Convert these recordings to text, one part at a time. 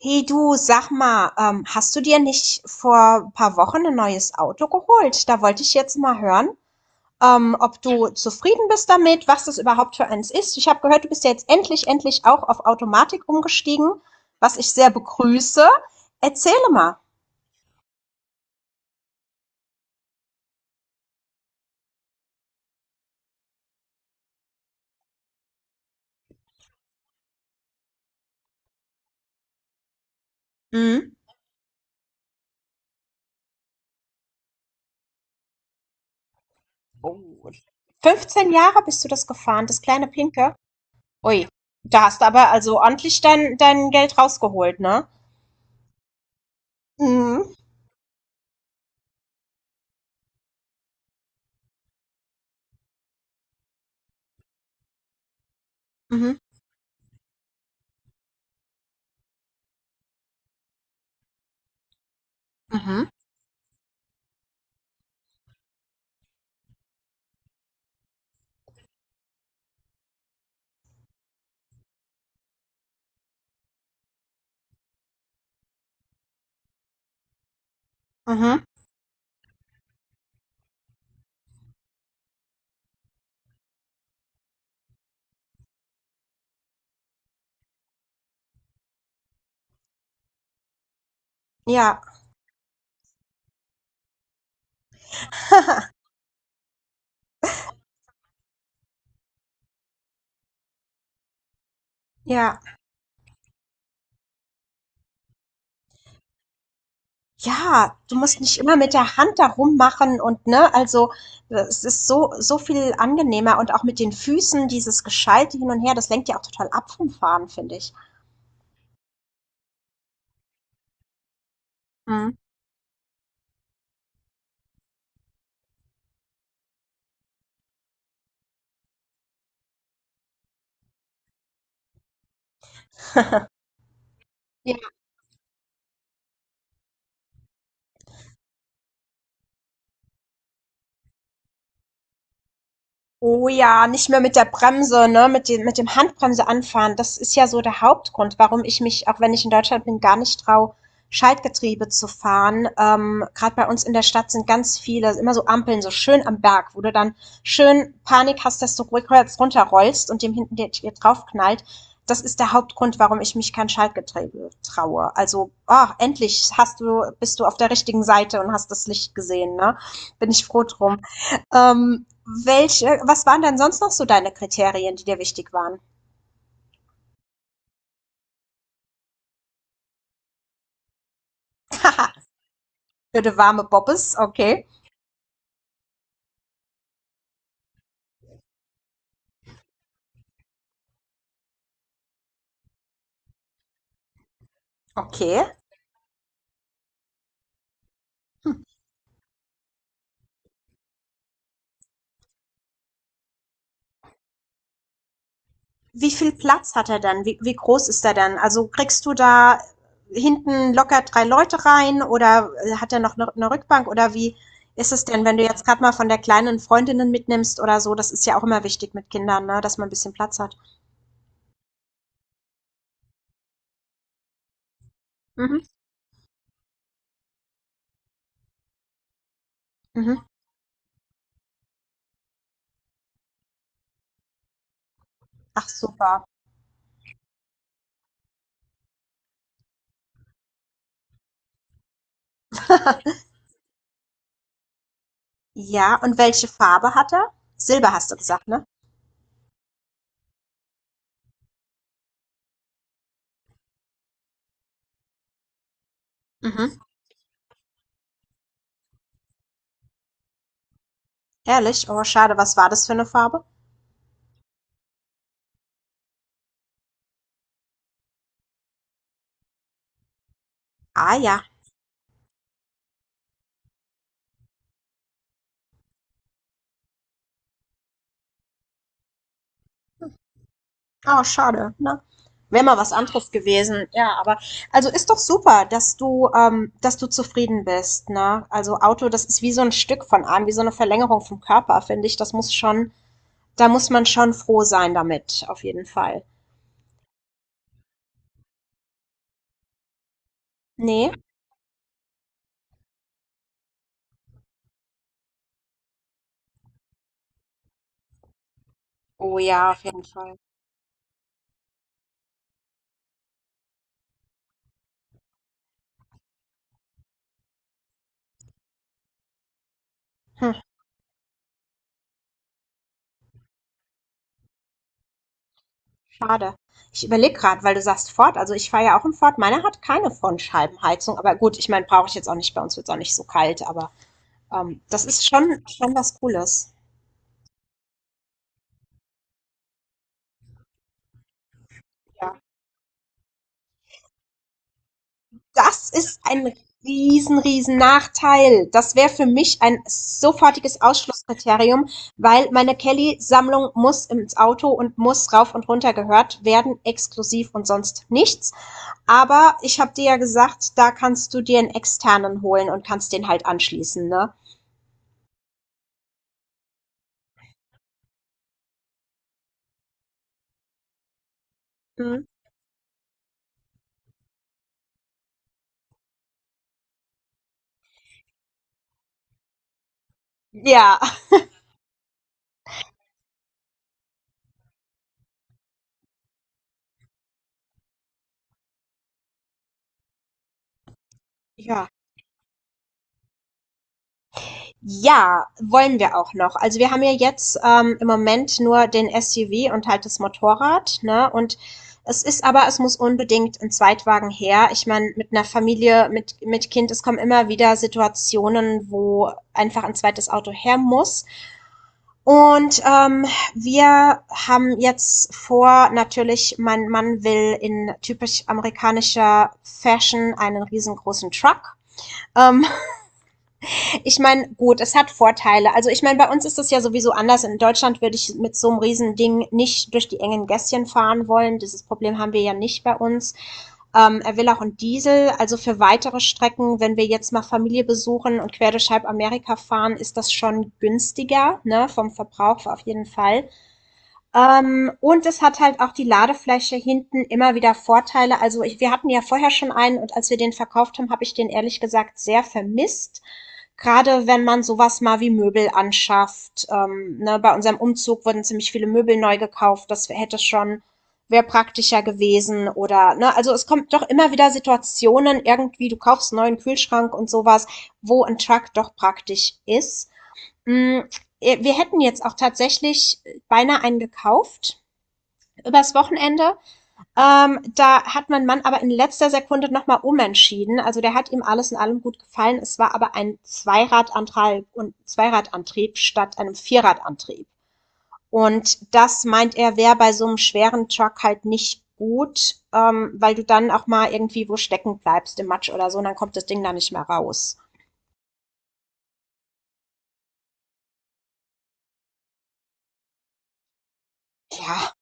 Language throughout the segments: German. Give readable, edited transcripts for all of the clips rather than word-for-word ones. Hey du, sag mal, hast du dir nicht vor ein paar Wochen ein neues Auto geholt? Da wollte ich jetzt mal hören, ob du zufrieden bist damit, was das überhaupt für eins ist. Ich habe gehört, du bist ja jetzt endlich auch auf Automatik umgestiegen, was ich sehr begrüße. Erzähle mal. Mhm. Oh. 15 Jahre bist du das gefahren, das kleine Pinke? Ui, da hast du aber also ordentlich dein Geld rausgeholt, ne? Mhm. Mhm. Mhm. Mhm. Ja, ja. Ja, du musst nicht immer mit der Hand da rummachen und ne, also es ist so viel angenehmer, und auch mit den Füßen dieses Geschalte hin und her, das lenkt ja auch total ab vom Fahren, finde ich. Mhm. Oh ja, nicht mehr mit der Bremse, ne, mit dem Handbremse anfahren. Das ist ja so der Hauptgrund, warum ich mich, auch wenn ich in Deutschland bin, gar nicht traue, Schaltgetriebe zu fahren. Gerade bei uns in der Stadt sind ganz viele, immer so Ampeln, so schön am Berg, wo du dann schön Panik hast, dass du rückwärts runterrollst und dem hinten dir draufknallt. Das ist der Hauptgrund, warum ich mich kein Schaltgetriebe traue. Also, ah, endlich hast du, bist du auf der richtigen Seite und hast das Licht gesehen, ne? Bin ich froh drum. Ähm, welche, was waren denn sonst noch so deine Kriterien, die dir wichtig waren? Haha, für die warme Bobbes, okay. Okay. Wie viel Platz hat er dann? Wie, wie groß ist er dann? Also kriegst du da hinten locker drei Leute rein oder hat er noch eine Rückbank oder wie ist es denn, wenn du jetzt gerade mal von der kleinen Freundinnen mitnimmst oder so? Das ist ja auch immer wichtig mit Kindern, ne? Dass man ein bisschen Platz hat. Mhm. Mhm. Ach, super. ja, und welche Farbe hat er? Silber hast du gesagt, ne? Mhm. Herrlich? Oh, schade. Was war das für eine Farbe? Ah ja. Oh, schade, ne? Wäre mal was anderes gewesen. Ja, aber also, ist doch super, dass du zufrieden bist, ne? Also, Auto, das ist wie so ein Stück von einem, wie so eine Verlängerung vom Körper, finde ich. Das muss schon, da muss man schon froh sein damit, auf jeden Fall. Ne? Oh ja, auf jeden Fall. Hm, schade. Ich überlege gerade, weil du sagst Ford. Also, ich fahre ja auch im Ford. Meiner hat keine Frontscheibenheizung, aber gut, ich meine, brauche ich jetzt auch nicht. Bei uns wird es auch nicht so kalt, aber ähm, das ist schon was Cooles. Ja. Das ist ein riesen Nachteil. Das wäre für mich ein sofortiges Ausschlusskriterium, weil meine Kelly-Sammlung muss ins Auto und muss rauf und runter gehört werden, exklusiv und sonst nichts. Aber ich habe dir ja gesagt, da kannst du dir einen externen holen und kannst den halt anschließen, ne? Mhm. Ja. Ja. Ja, wollen wir auch noch. Also wir haben ja jetzt im Moment nur den SUV und halt das Motorrad, ne? Und es ist aber, es muss unbedingt ein Zweitwagen her. Ich meine, mit einer Familie, mit Kind, es kommen immer wieder Situationen, wo einfach ein zweites Auto her muss. Und wir haben jetzt vor, natürlich, mein Mann will in typisch amerikanischer Fashion einen riesengroßen Truck. Ähm, ich meine, gut, es hat Vorteile. Also ich meine, bei uns ist das ja sowieso anders. In Deutschland würde ich mit so einem Riesending nicht durch die engen Gässchen fahren wollen. Dieses Problem haben wir ja nicht bei uns. Er will auch einen Diesel. Also für weitere Strecken, wenn wir jetzt mal Familie besuchen und quer durch halb Amerika fahren, ist das schon günstiger, ne, vom Verbrauch auf jeden Fall. Und es hat halt auch die Ladefläche hinten immer wieder Vorteile. Also ich, wir hatten ja vorher schon einen, und als wir den verkauft haben, habe ich den ehrlich gesagt sehr vermisst. Gerade wenn man sowas mal wie Möbel anschafft. Ne, bei unserem Umzug wurden ziemlich viele Möbel neu gekauft. Das hätte schon, wäre praktischer gewesen. Oder, ne, also es kommt doch immer wieder Situationen, irgendwie, du kaufst einen neuen Kühlschrank und sowas, wo ein Truck doch praktisch ist. Mm, Wir hätten jetzt auch tatsächlich beinahe einen gekauft übers Wochenende. Da hat mein Mann aber in letzter Sekunde nochmal umentschieden. Also der hat ihm alles in allem gut gefallen. Es war aber ein Zweiradantrieb, statt einem Vierradantrieb. Und das meint er, wäre bei so einem schweren Truck halt nicht gut, weil du dann auch mal irgendwie wo stecken bleibst im Matsch oder so, und dann kommt das Ding da nicht mehr raus. Ja,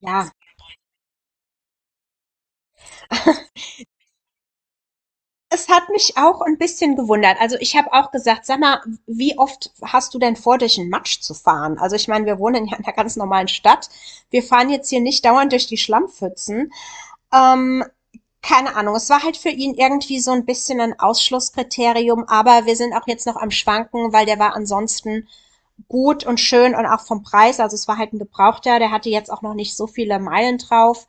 ja, es hat mich auch ein bisschen gewundert. Also ich habe auch gesagt, sag mal, wie oft hast du denn vor, durch den Matsch zu fahren? Also ich meine, wir wohnen ja in einer ganz normalen Stadt. Wir fahren jetzt hier nicht dauernd durch die Schlammpfützen. Ähm, keine Ahnung, es war halt für ihn irgendwie so ein bisschen ein Ausschlusskriterium, aber wir sind auch jetzt noch am Schwanken, weil der war ansonsten gut und schön und auch vom Preis, also es war halt ein Gebrauchter, der hatte jetzt auch noch nicht so viele Meilen drauf.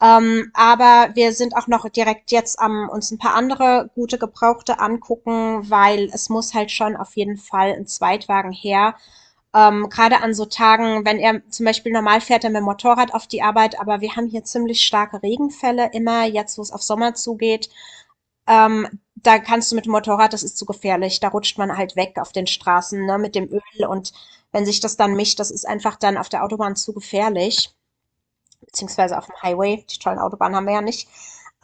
Aber wir sind auch noch direkt jetzt am uns ein paar andere gute Gebrauchte angucken, weil es muss halt schon auf jeden Fall ein Zweitwagen her. Gerade an so Tagen, wenn er zum Beispiel normal fährt dann mit dem Motorrad auf die Arbeit, aber wir haben hier ziemlich starke Regenfälle immer, jetzt wo es auf Sommer zugeht. Ähm, da kannst du mit dem Motorrad, das ist zu gefährlich, da rutscht man halt weg auf den Straßen, ne, mit dem Öl, und wenn sich das dann mischt, das ist einfach dann auf der Autobahn zu gefährlich beziehungsweise auf dem Highway, die tollen Autobahnen haben wir ja nicht.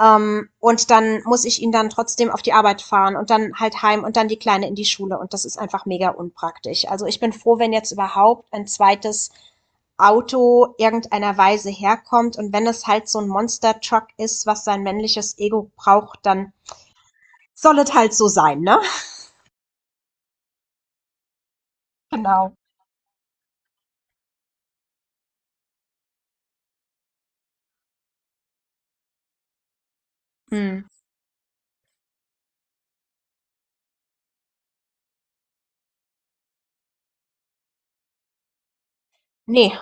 Und dann muss ich ihn dann trotzdem auf die Arbeit fahren und dann halt heim und dann die Kleine in die Schule. Und das ist einfach mega unpraktisch. Also ich bin froh, wenn jetzt überhaupt ein zweites Auto irgendeiner Weise herkommt. Und wenn es halt so ein Monster-Truck ist, was sein männliches Ego braucht, dann soll es halt so sein, ne? Genau. Hm. Nee.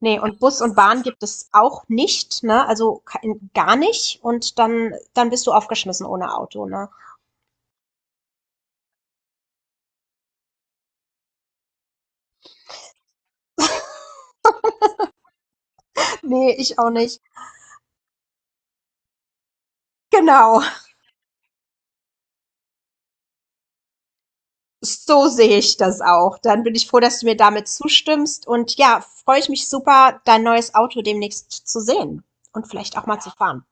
Ne, und Bus und Bahn gibt es auch nicht, ne? Also kein- gar nicht. Und dann, dann bist du aufgeschmissen ohne Auto, ne? Nee, ich auch nicht. Genau. So sehe ich das auch. Dann bin ich froh, dass du mir damit zustimmst. Und ja, freue ich mich super, dein neues Auto demnächst zu sehen und vielleicht auch mal zu fahren.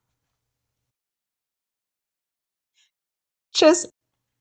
Tschüss.